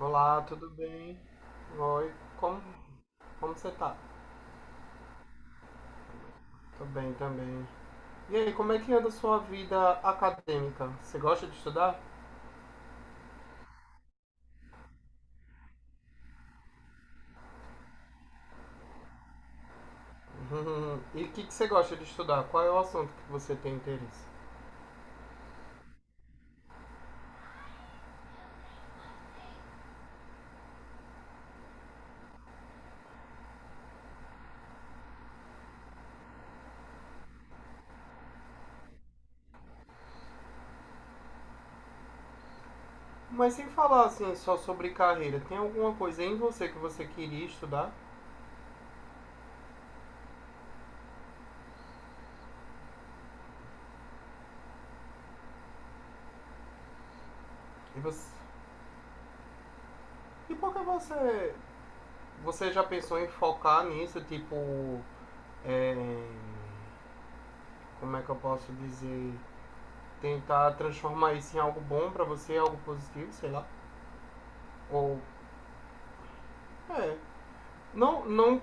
Olá, tudo bem? Oi, como, como você tá? Tô bem também. E aí, como é que anda a sua vida acadêmica? Você gosta de estudar? Uhum. E o que você gosta de estudar? Qual é o assunto que você tem interesse? Mas sem falar assim só sobre carreira, tem alguma coisa em você que você queria estudar? E, você... e por que você. Você já pensou em focar nisso? É, Como é que eu posso dizer? Tentar transformar isso em algo bom pra você, algo positivo, sei lá. Ou. É. Não, não,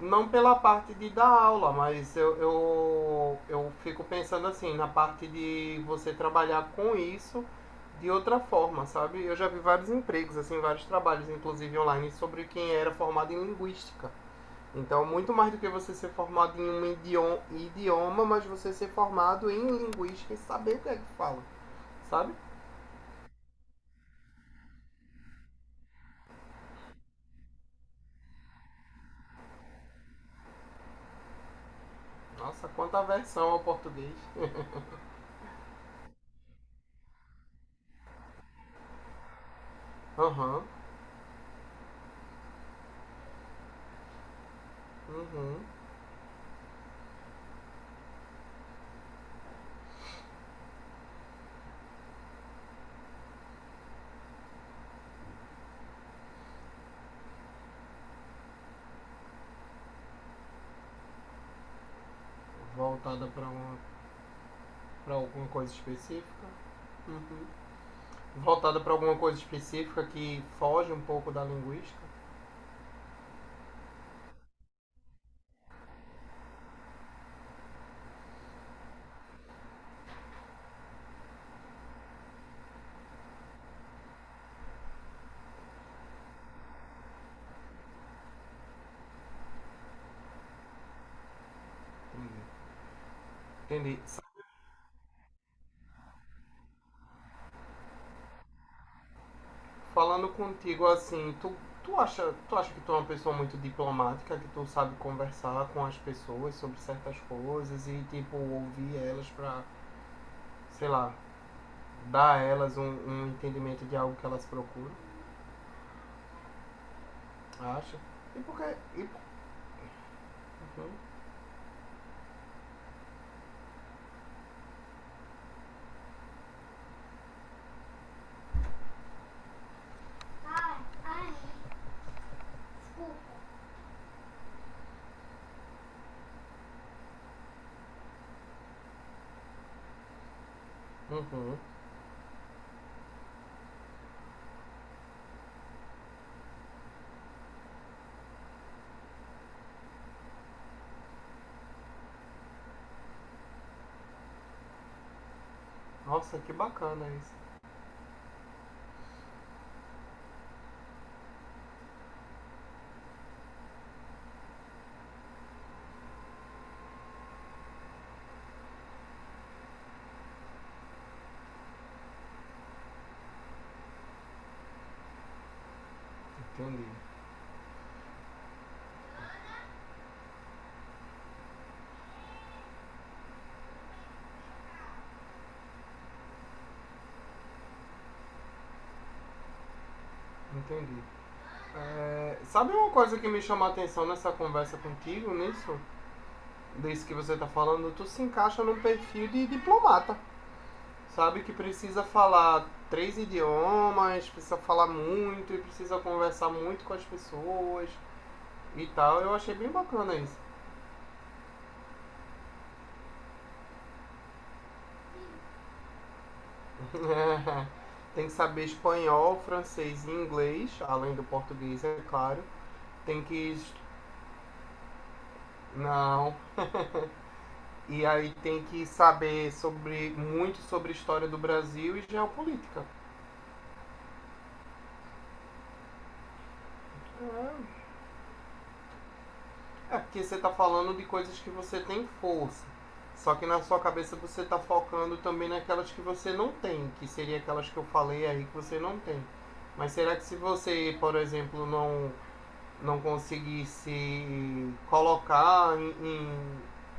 não pela parte de dar aula, mas eu fico pensando assim, na parte de você trabalhar com isso de outra forma, sabe? Eu já vi vários empregos, assim, vários trabalhos, inclusive online, sobre quem era formado em linguística. Então, muito mais do que você ser formado em um idioma mas você ser formado em linguística e saber o que é que fala, sabe? Nossa, quanta aversão ao português. Aham. Uhum. Voltada para uma para alguma coisa específica. Uhum. Voltada para alguma coisa específica que foge um pouco da linguística. Entendi. Entendi. S- Falando contigo assim, tu acha, tu acha que tu é uma pessoa muito diplomática, que tu sabe conversar com as pessoas sobre certas coisas e tipo ouvir elas pra, sei lá, dar a elas um, um entendimento de algo que elas procuram? Acha? E por que e por- uhum. Ai, ai, desculpa. Uhum. Nossa, que bacana isso. Entendi. Entendi. É, sabe uma coisa que me chamou a atenção nessa conversa contigo, nisso? Disso que você tá falando, tu se encaixa num perfil de diplomata, sabe? Que precisa falar três idiomas, precisa falar muito e precisa conversar muito com as pessoas e tal. Eu achei bem bacana isso. Tem que saber espanhol, francês e inglês, além do português, é claro. Tem que. Não, e aí tem que saber sobre muito sobre a história do Brasil e geopolítica. É porque você tá falando de coisas que você tem força. Só que na sua cabeça você tá focando também naquelas que você não tem, que seria aquelas que eu falei aí que você não tem. Mas será que se você, por exemplo, não conseguir se colocar em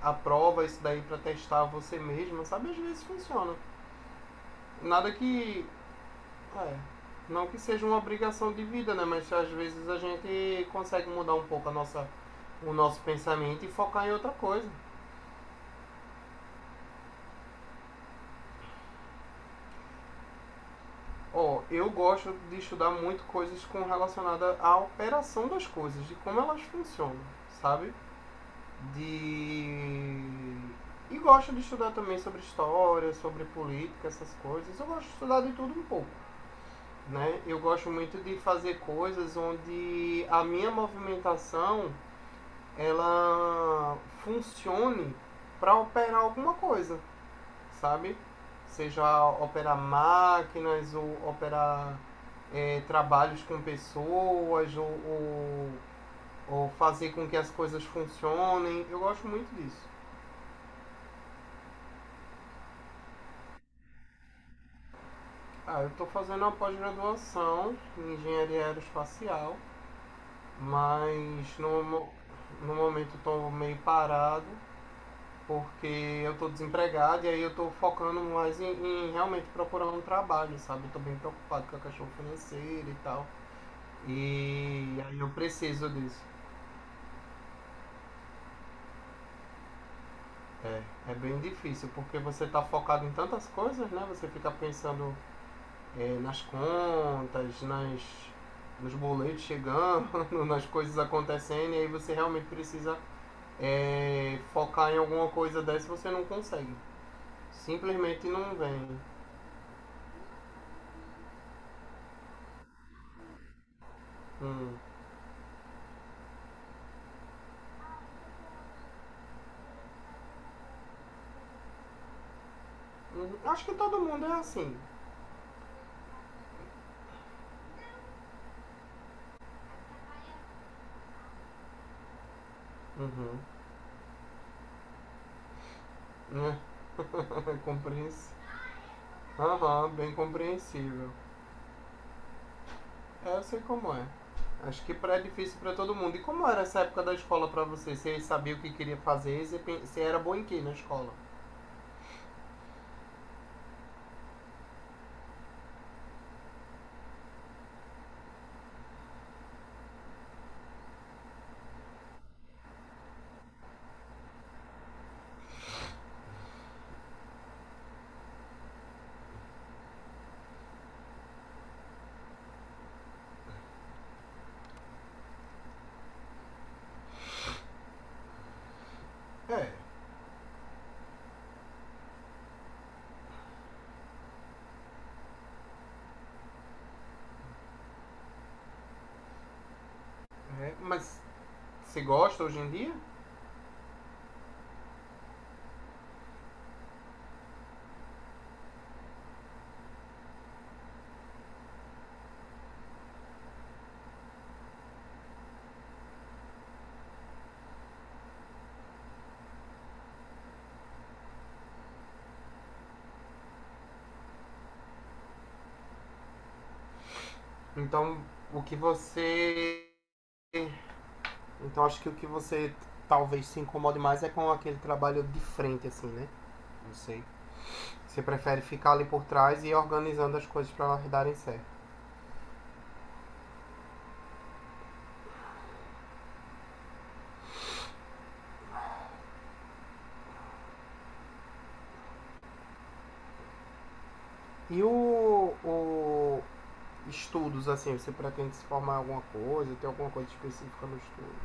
a prova isso daí para testar você mesmo, sabe? Às vezes funciona. Nada que É. Não que seja uma obrigação de vida, né? Mas às vezes a gente consegue mudar um pouco a o nosso pensamento e focar em outra coisa. Ó, eu gosto de estudar muito coisas com relacionada à operação das coisas, de como elas funcionam, sabe? De E gosto de estudar também sobre história, sobre política, essas coisas. Eu gosto de estudar de tudo um pouco, né? Eu gosto muito de fazer coisas onde a minha movimentação ela funcione para operar alguma coisa, sabe? Seja operar máquinas ou operar trabalhos com pessoas ou fazer com que as coisas funcionem. Eu gosto muito disso. Ah, eu estou fazendo uma pós-graduação em engenharia aeroespacial, mas no momento estou meio parado porque eu tô desempregado e aí eu tô focando mais em realmente procurar um trabalho, sabe? Eu tô bem preocupado com a questão financeira e tal. E aí eu preciso disso. É bem difícil, porque você tá focado em tantas coisas, né? Você fica pensando nas contas, nos boletos chegando, nas coisas acontecendo, e aí você realmente precisa focar em alguma coisa dessa e você não consegue. Simplesmente não vem. Hum, Acho que todo mundo é assim. Uhum. Compreensi... Aham, bem compreensível. É, eu sei como é. Acho que pré é difícil pra todo mundo. E como era essa época da escola pra você? Você sabia o que queria fazer? Você era boa em quê na escola? É, É, mas você gosta hoje em dia? Então, o que você. Então, acho que o que você t- talvez se incomode mais é com aquele trabalho de frente, assim, né? Não sei. Você prefere ficar ali por trás e ir organizando as coisas pra elas darem certo. E o estudos, assim, você pretende se formar em alguma coisa, ter alguma coisa específica no estudo?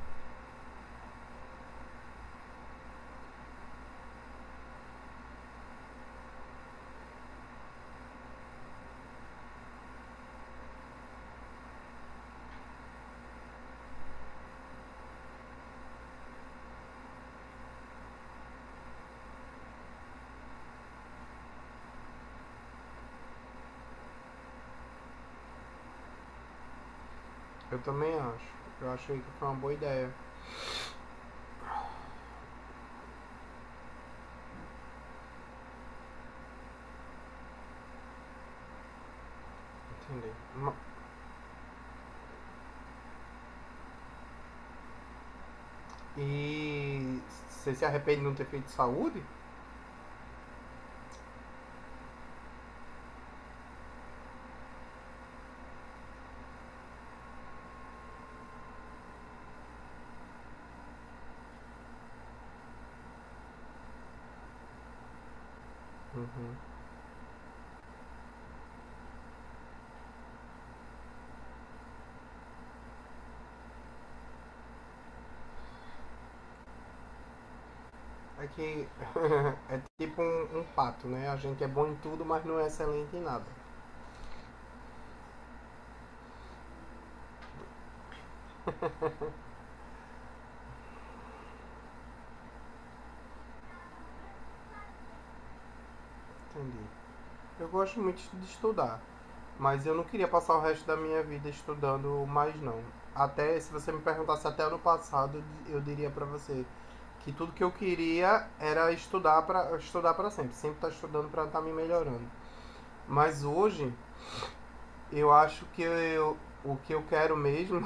Eu também acho. Eu achei que foi uma boa ideia. Entendi. E você se arrepende de não ter feito saúde? Uhum. É que é tipo um pato, né? A gente é bom em tudo, mas não é excelente em nada. Entendi. Eu gosto muito de estudar. Mas eu não queria passar o resto da minha vida estudando mais, não. Até se você me perguntasse até ano passado, eu diria pra você que tudo que eu queria era estudar para estudar para sempre, sempre estar estudando para estar me melhorando. Mas hoje eu acho que eu, o que eu quero mesmo,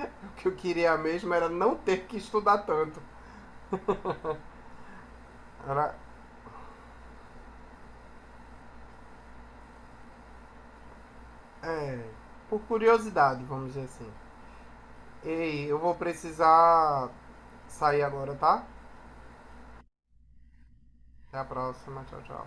o que eu queria mesmo era não ter que estudar tanto. Era É, por curiosidade, vamos dizer assim. Ei, eu vou precisar sair agora, tá? Até a próxima, tchau, tchau.